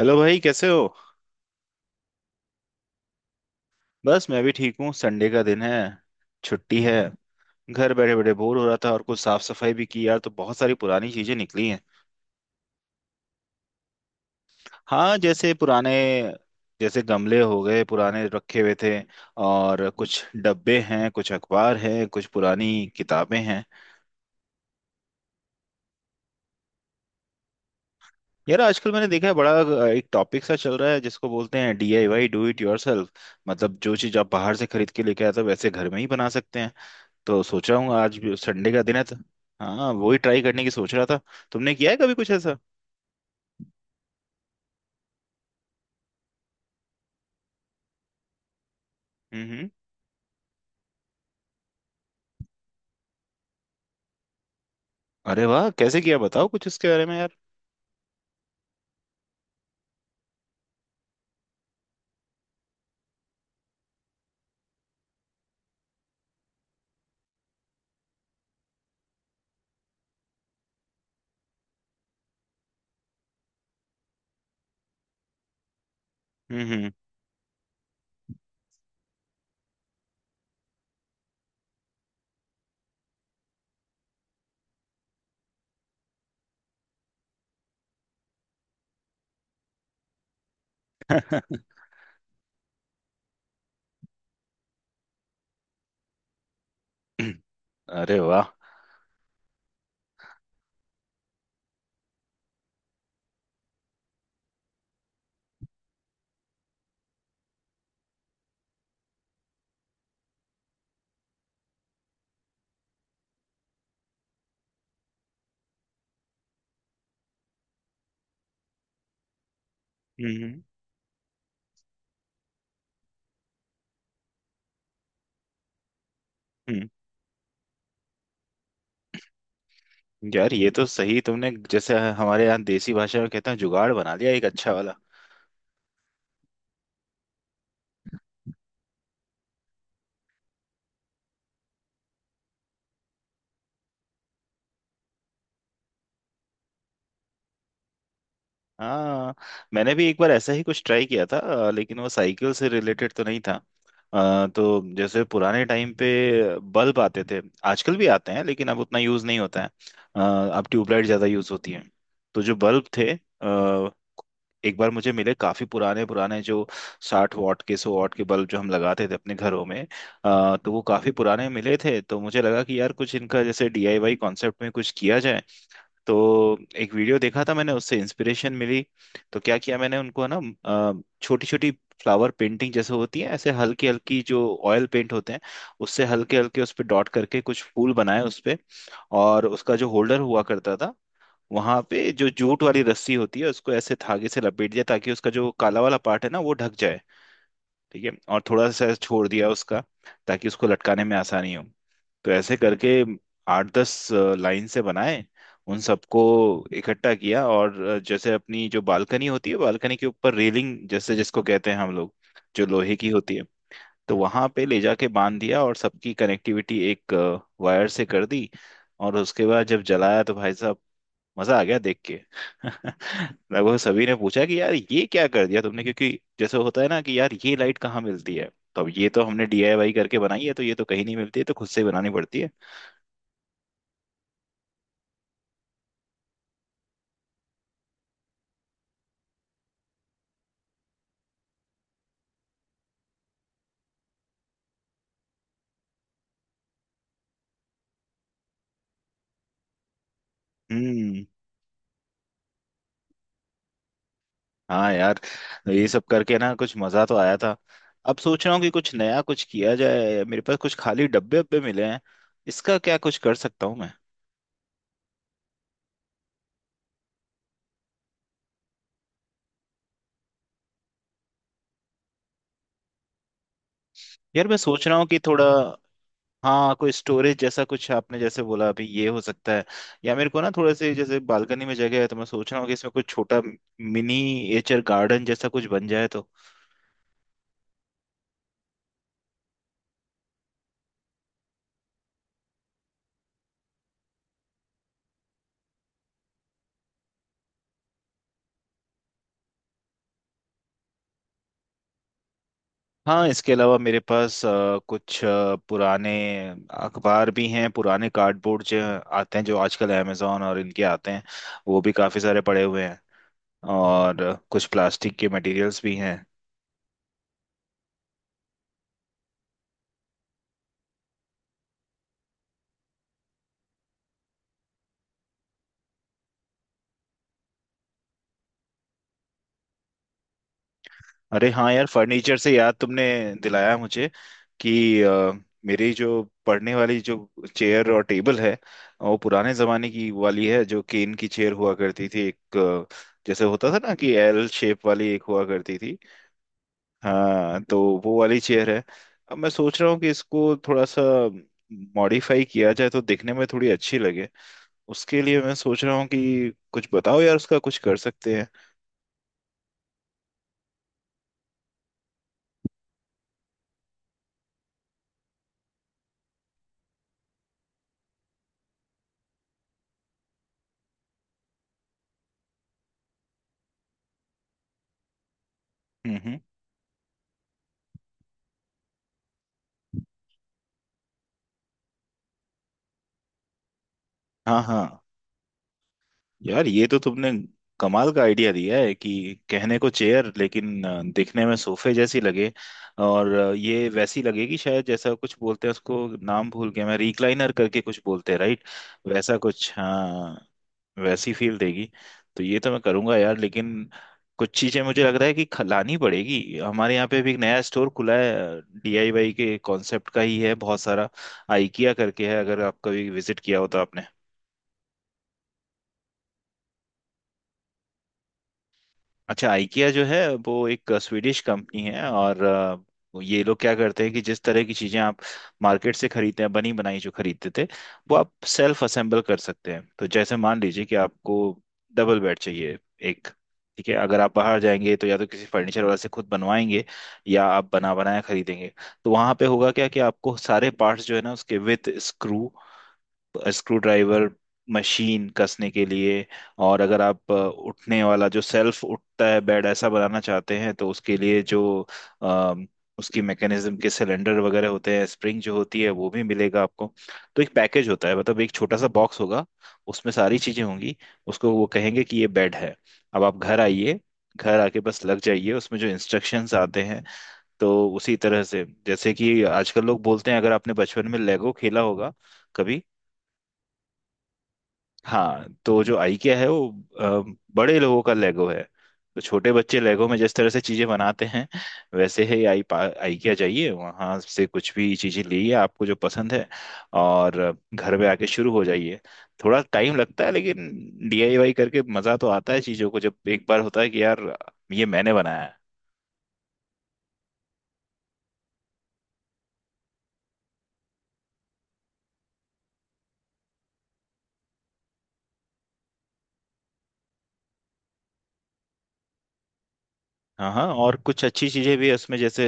Hello भाई, कैसे हो। बस मैं भी ठीक हूँ। संडे का दिन है। छुट्टी है। घर बैठे बैठे बोर हो रहा था और कुछ साफ सफाई भी की यार, तो बहुत सारी पुरानी चीजें निकली हैं। हाँ, जैसे पुराने। जैसे गमले हो गए, पुराने रखे हुए थे। और कुछ डब्बे हैं, कुछ अखबार हैं, कुछ पुरानी किताबें हैं। यार, आजकल मैंने देखा है बड़ा एक टॉपिक सा चल रहा है जिसको बोलते हैं डीआईवाई, डू इट योरसेल्फ। मतलब जो चीज आप बाहर से खरीद के लेके आए थे, वैसे घर में ही बना सकते हैं। तो सोच रहा हूँ आज भी संडे का दिन है तो। हाँ, वही ट्राई करने की सोच रहा था। तुमने किया है कभी कुछ ऐसा? हम्म हम्म। अरे वाह, कैसे किया? बताओ कुछ इसके बारे में यार। हम्म हम्म। अरे वाह। हम्म हम्म। हम्म। यार, ये तो सही तुमने। जैसे हमारे यहाँ देसी भाषा में कहते हैं, जुगाड़ बना लिया एक अच्छा वाला। हाँ, मैंने भी एक बार ऐसा ही कुछ ट्राई किया था, लेकिन वो साइकिल से रिलेटेड तो नहीं था। तो जैसे पुराने टाइम पे बल्ब आते थे। आजकल भी आते हैं लेकिन अब उतना यूज़ नहीं होता है। अ, अब ट्यूबलाइट ज़्यादा यूज़ होती है। तो जो बल्ब थे, अ, एक बार मुझे मिले काफी पुराने पुराने, जो 60 वॉट के, 100 वॉट के बल्ब जो हम लगाते थे अपने घरों में। तो वो काफी पुराने मिले थे, तो मुझे लगा कि यार कुछ इनका जैसे डीआईवाई कॉन्सेप्ट में कुछ किया जाए। तो एक वीडियो देखा था मैंने, उससे इंस्पिरेशन मिली। तो क्या किया मैंने उनको ना, छोटी छोटी फ्लावर पेंटिंग जैसे होती है ऐसे हल्की हल्की, जो ऑयल पेंट होते हैं उससे हल्के हल्के उस पे डॉट करके कुछ फूल बनाए उस पे। और उसका जो होल्डर हुआ करता था, वहां पे जो जूट वाली रस्सी होती है उसको ऐसे धागे से लपेट दिया, ताकि उसका जो काला वाला पार्ट है ना, वो ढक जाए। ठीक है, और थोड़ा सा छोड़ दिया उसका, ताकि उसको लटकाने में आसानी हो। तो ऐसे करके 8-10 लाइन से बनाए। उन सबको इकट्ठा किया, और जैसे अपनी जो बालकनी होती है, बालकनी के ऊपर रेलिंग जैसे जिसको कहते हैं हम लोग, जो लोहे की होती है, तो वहां पे ले जाके बांध दिया, और सबकी कनेक्टिविटी एक वायर से कर दी। और उसके बाद जब जलाया, तो भाई साहब, मजा आ गया देख के। लगभग सभी ने पूछा कि यार ये क्या कर दिया तुमने, क्योंकि जैसे होता है ना कि यार ये लाइट कहाँ मिलती है, तो अब ये तो हमने डीआईवाई करके बनाई है, तो ये तो कहीं नहीं मिलती है, तो खुद से बनानी पड़ती है। हम्म। हाँ यार, तो ये सब करके ना कुछ मजा तो आया था। अब सोच रहा हूँ कि कुछ नया कुछ किया जाए, मेरे पास कुछ खाली डब्बे उब्बे मिले हैं। इसका क्या कुछ कर सकता हूँ मैं? यार मैं सोच रहा हूँ कि थोड़ा। हाँ, कोई स्टोरेज जैसा कुछ आपने जैसे बोला अभी, ये हो सकता है। या मेरे को ना थोड़े से जैसे बालकनी में जगह है, तो मैं सोच रहा हूँ कि इसमें कुछ छोटा मिनीएचर गार्डन जैसा कुछ बन जाए तो। हाँ, इसके अलावा मेरे पास कुछ पुराने अखबार भी हैं, पुराने कार्डबोर्ड जो आते हैं, जो आजकल अमेजोन और इनके आते हैं, वो भी काफ़ी सारे पड़े हुए हैं। और कुछ प्लास्टिक के मटेरियल्स भी हैं। अरे हाँ यार, फर्नीचर से याद तुमने दिलाया मुझे कि मेरी जो पढ़ने वाली जो चेयर और टेबल है, वो पुराने जमाने की वाली है, जो केन की चेयर हुआ करती थी, एक जैसे होता था ना कि एल शेप वाली एक हुआ करती थी। हाँ, तो वो वाली चेयर है। अब मैं सोच रहा हूँ कि इसको थोड़ा सा मॉडिफाई किया जाए, तो दिखने में थोड़ी अच्छी लगे। उसके लिए मैं सोच रहा हूँ कि कुछ बताओ यार, उसका कुछ कर सकते हैं? हम्म। हाँ हाँ। यार ये तो तुमने कमाल का आइडिया दिया है, कि कहने को चेयर लेकिन दिखने में सोफे जैसी लगे। और ये वैसी लगेगी शायद, जैसा कुछ बोलते हैं उसको, नाम भूल गया मैं, रिक्लाइनर करके कुछ बोलते हैं, राइट? वैसा कुछ, हाँ। वैसी फील देगी। तो ये तो मैं करूंगा यार, लेकिन कुछ चीजें मुझे लग रहा है कि लानी पड़ेगी। हमारे यहाँ पे भी एक नया स्टोर खुला है, डीआईवाई के कॉन्सेप्ट का ही है बहुत सारा। आइकिया करके है, अगर आप कभी विजिट किया हो तो आपने। अच्छा, IKEA जो है वो एक स्वीडिश कंपनी है, और ये लोग क्या करते हैं कि जिस तरह की चीजें आप मार्केट से खरीदते हैं, बनी बनाई जो खरीदते थे, वो आप सेल्फ असेंबल कर सकते हैं। तो जैसे मान लीजिए कि आपको डबल बेड चाहिए एक। ठीक है, अगर आप बाहर जाएंगे तो या तो किसी फर्नीचर वाले से खुद बनवाएंगे, या आप बना बनाया खरीदेंगे। तो वहां पे होगा क्या कि आपको सारे पार्ट्स जो है ना उसके, with screw, screwdriver, machine कसने के लिए। और अगर आप उठने वाला जो सेल्फ उठता है बेड, ऐसा बनाना चाहते हैं, तो उसके लिए जो अ, उसकी मैकेनिज्म के सिलेंडर वगैरह होते हैं, स्प्रिंग जो होती है, वो भी मिलेगा आपको। तो एक पैकेज होता है, मतलब एक छोटा सा बॉक्स होगा, उसमें सारी चीजें होंगी। उसको वो कहेंगे कि ये बेड है, अब आप घर आइए। घर आके बस लग जाइए, उसमें जो इंस्ट्रक्शंस आते हैं, तो उसी तरह से, जैसे कि आजकल लोग बोलते हैं, अगर आपने बचपन में लेगो खेला होगा कभी। हाँ, तो जो आइकिया है वो बड़े लोगों का लेगो है। तो छोटे बच्चे लेगो में जिस तरह से चीजें बनाते हैं, वैसे ही आई आइकिया जाइए, वहां से कुछ भी चीजें लीजिए आपको जो पसंद है, और घर में आके शुरू हो जाइए। थोड़ा टाइम लगता है लेकिन डीआईवाई करके मजा तो आता है चीजों को, जब एक बार होता है कि यार ये मैंने बनाया है। हाँ हाँ, और कुछ अच्छी चीजें भी है उसमें, जैसे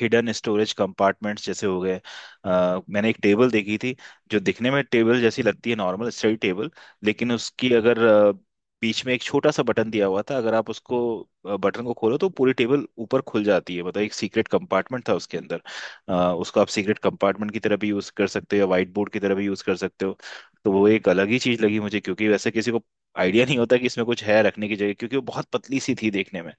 हिडन स्टोरेज कंपार्टमेंट्स जैसे हो गए। मैंने एक टेबल देखी थी, जो दिखने में टेबल जैसी लगती है, नॉर्मल स्टडी टेबल, लेकिन उसकी अगर बीच में एक छोटा सा बटन दिया हुआ था, अगर आप उसको बटन को खोलो तो पूरी टेबल ऊपर खुल जाती है, मतलब एक सीक्रेट कंपार्टमेंट था उसके अंदर। उसको आप सीक्रेट कंपार्टमेंट की तरह भी यूज कर सकते हो, या व्हाइट बोर्ड की तरह भी यूज कर सकते हो। तो वो एक अलग ही चीज लगी मुझे, क्योंकि वैसे किसी को आइडिया नहीं होता कि इसमें कुछ है रखने की जगह, क्योंकि वो बहुत पतली सी थी देखने में।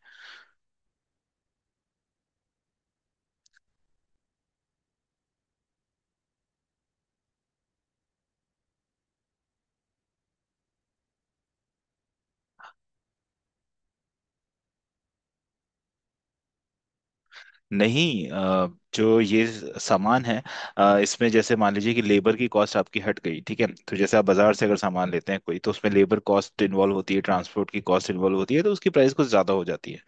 नहीं, जो ये सामान है, इसमें जैसे मान लीजिए कि लेबर की कॉस्ट आपकी हट गई। ठीक है, तो जैसे आप बाजार से अगर सामान लेते हैं कोई, तो उसमें लेबर कॉस्ट इन्वॉल्व होती है, ट्रांसपोर्ट की कॉस्ट इन्वॉल्व होती है, तो उसकी प्राइस कुछ ज्यादा हो जाती है।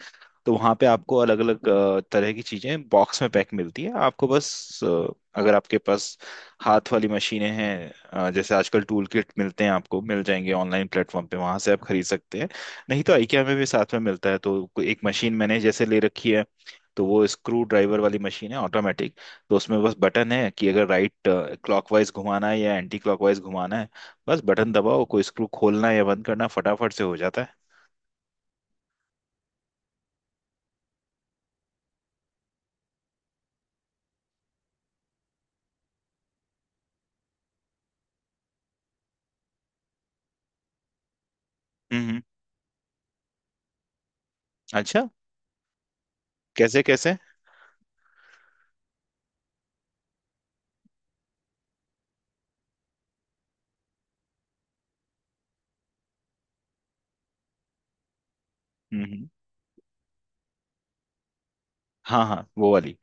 तो वहाँ पे आपको अलग अलग तरह की चीजें बॉक्स में पैक मिलती है, आपको बस अगर आपके पास हाथ वाली मशीनें हैं, जैसे आजकल टूल किट मिलते हैं, आपको मिल जाएंगे ऑनलाइन प्लेटफॉर्म पे, वहां से आप खरीद सकते हैं। नहीं तो IKEA में भी साथ में मिलता है, तो कोई एक मशीन मैंने जैसे ले रखी है, तो वो स्क्रू ड्राइवर वाली मशीन है ऑटोमेटिक। तो उसमें बस बटन है कि अगर राइट क्लॉकवाइज घुमाना है या एंटी क्लॉकवाइज घुमाना है, बस बटन दबाओ, कोई स्क्रू खोलना या बंद करना फटाफट से हो जाता है। हम्म हम्म। अच्छा, कैसे कैसे? हम्म हम्म। हाँ हाँ, वो वाली।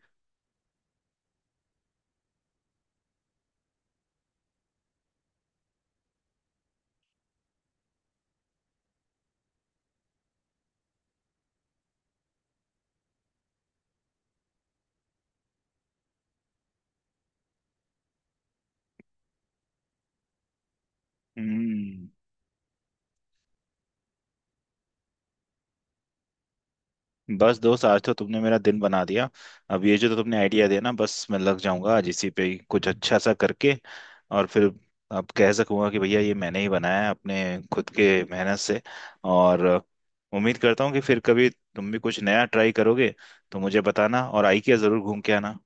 हम्म। बस दोस्त, आज तो तुमने मेरा दिन बना दिया। अब ये जो तो तुमने आइडिया दिया ना, बस मैं लग जाऊंगा आज इसी पे ही कुछ अच्छा सा करके। और फिर अब कह सकूंगा कि भैया ये मैंने ही बनाया है अपने खुद के मेहनत से। और उम्मीद करता हूँ कि फिर कभी तुम भी कुछ नया ट्राई करोगे तो मुझे बताना, और आई के जरूर घूम के आना।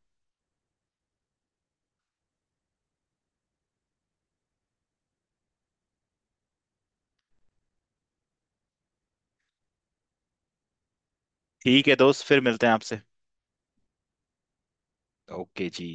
ठीक है दोस्त, फिर मिलते हैं आपसे। ओके जी।